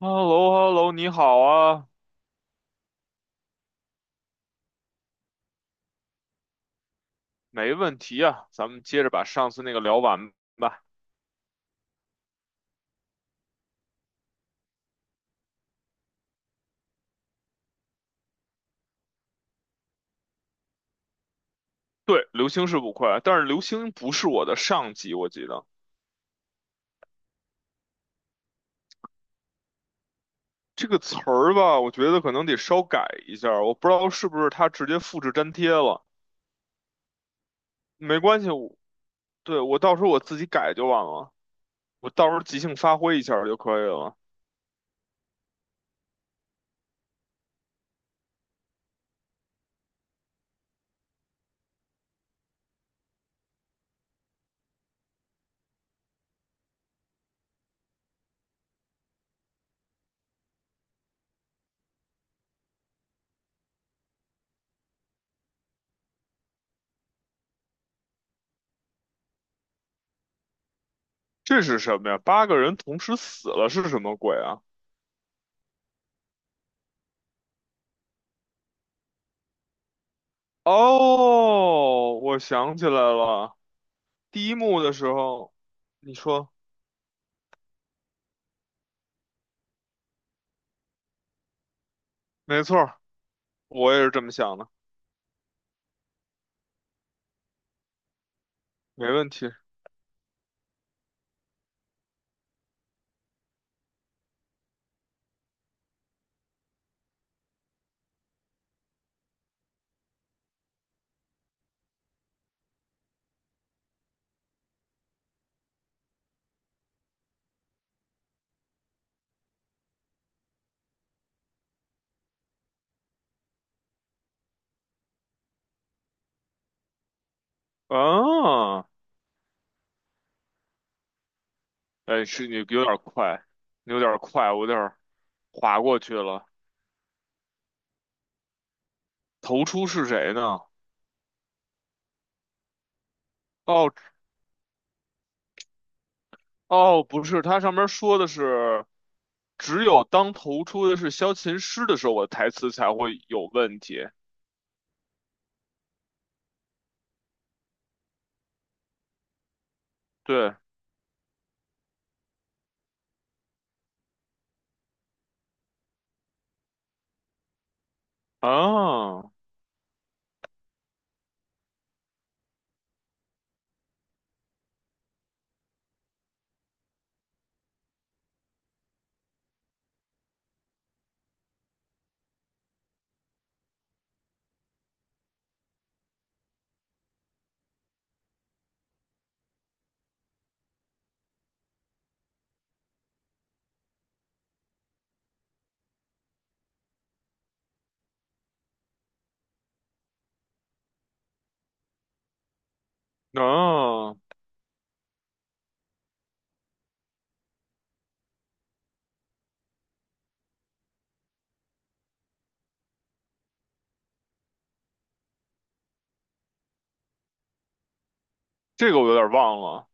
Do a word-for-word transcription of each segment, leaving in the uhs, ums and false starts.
h e l l o h e l l o 你好啊，没问题啊，咱们接着把上次那个聊完吧。对，刘星是捕快啊，但是刘星不是我的上级，我记得这个词儿吧，我觉得可能得稍改一下儿，我不知道是不是他直接复制粘贴了。没关系，我对，我到时候我自己改就完了，我到时候即兴发挥一下儿就可以了。这是什么呀？八个人同时死了是什么鬼啊？哦，我想起来了，第一幕的时候，你说。没错儿，我也是这么想的，没问题。啊，哎，是你有点快，你有点快，我有点划过去了。投出是谁呢？哦哦，不是，它上面说的是，只有当投出的是萧琴师的时候，我的台词才会有问题。对，啊啊，这个我有点忘了。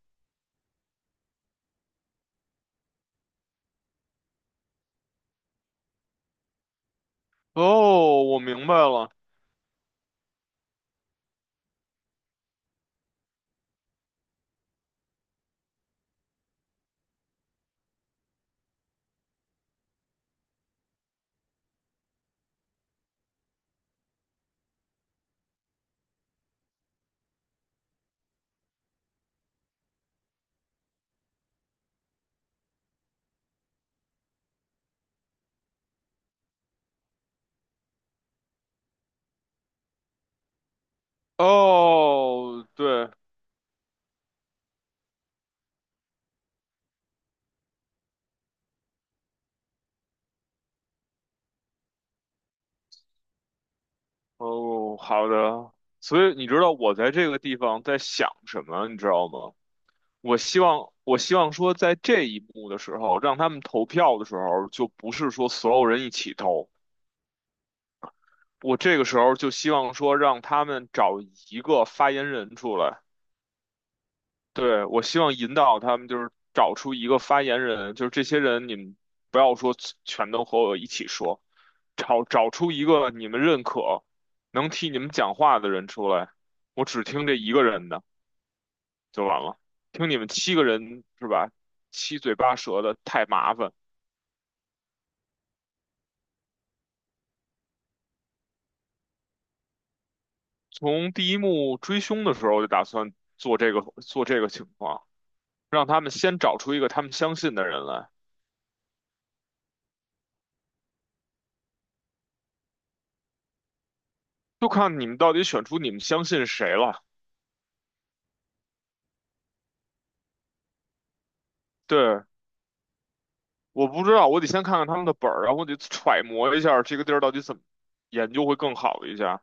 哦，我明白了。哦，对，哦，好的。所以你知道我在这个地方在想什么，你知道吗？我希望，我希望说，在这一幕的时候，让他们投票的时候，就不是说所有人一起投。我这个时候就希望说，让他们找一个发言人出来。对，我希望引导他们，就是找出一个发言人，就是这些人，你们不要说全都和我一起说，找找出一个你们认可、能替你们讲话的人出来。我只听这一个人的就完了，听你们七个人是吧？七嘴八舌的太麻烦。从第一幕追凶的时候，我就打算做这个做这个情况，让他们先找出一个他们相信的人来，就看你们到底选出你们相信谁了。对，我不知道，我得先看看他们的本儿，然后我得揣摩一下这个地儿到底怎么研究会更好一下。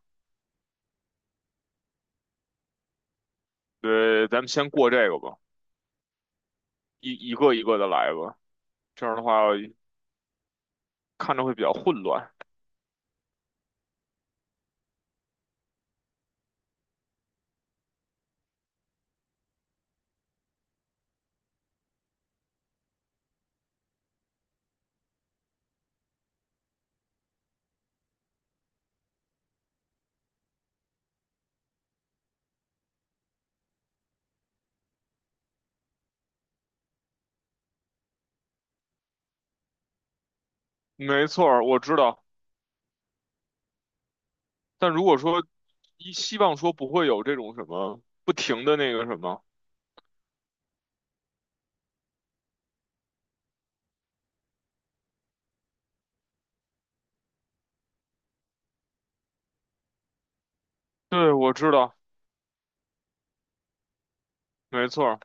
对，咱们先过这个吧，一一个一个的来吧，这样的话看着会比较混乱。没错儿，我知道。但如果说一希望说不会有这种什么不停的那个什么。对，我知道，没错儿，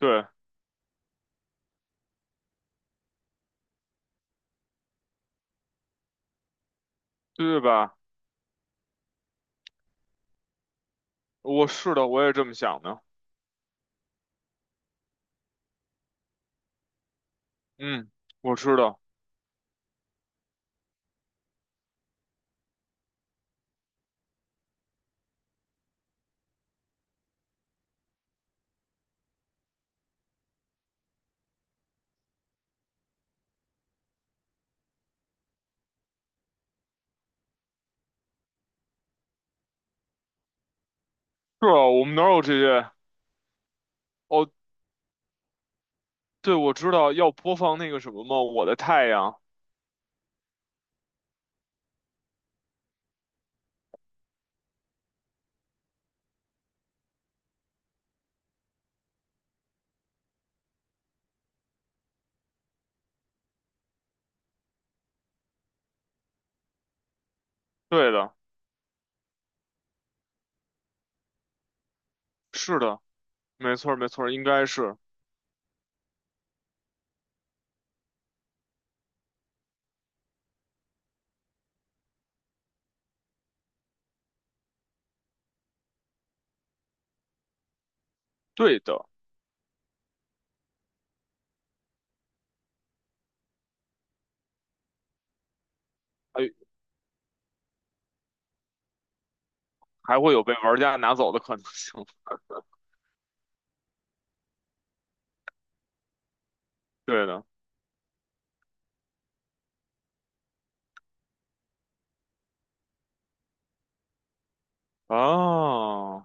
对，对吧？我是的，我也这么想的。嗯，我知道，是啊，我们哪有这些？哦，对，我知道要播放那个什么吗？我的太阳。对的，是的，没错儿，没错儿，应该是对的。哎，还会有被玩家拿走的可能性。对的啊，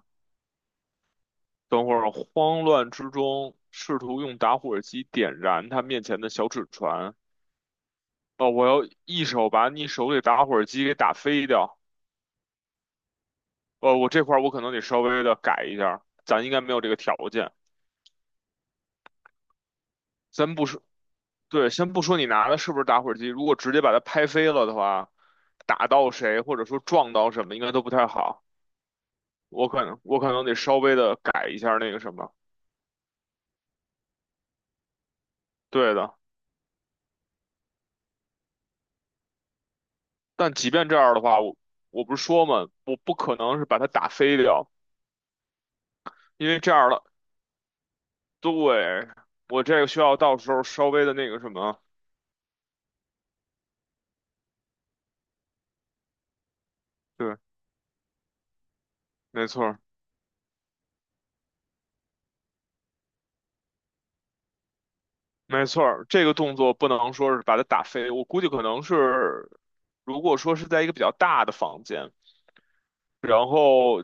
等会儿慌乱之中试图用打火机点燃他面前的小纸船。哦，我要一手把你手里打火机给打飞掉。哦，我这块儿我可能得稍微的改一下儿，咱应该没有这个条件。咱不是。对，先不说你拿的是不是打火机，如果直接把它拍飞了的话，打到谁或者说撞到什么，应该都不太好。我可能我可能得稍微的改一下那个什么，对的。但即便这样的话，我我不是说嘛，我不可能是把它打飞掉，因为这样的，对，我这个需要到时候稍微的那个什么。对，没错儿，没错儿，这个动作不能说是把它打飞，我估计可能是，如果说是在一个比较大的房间。然后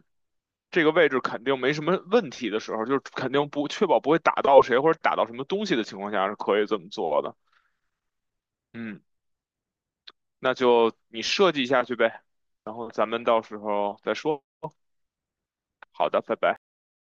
这个位置肯定没什么问题的时候，就是肯定不确保不会打到谁或者打到什么东西的情况下是可以这么做的。嗯，那就你设计一下去呗，然后咱们到时候再说。好的，拜拜。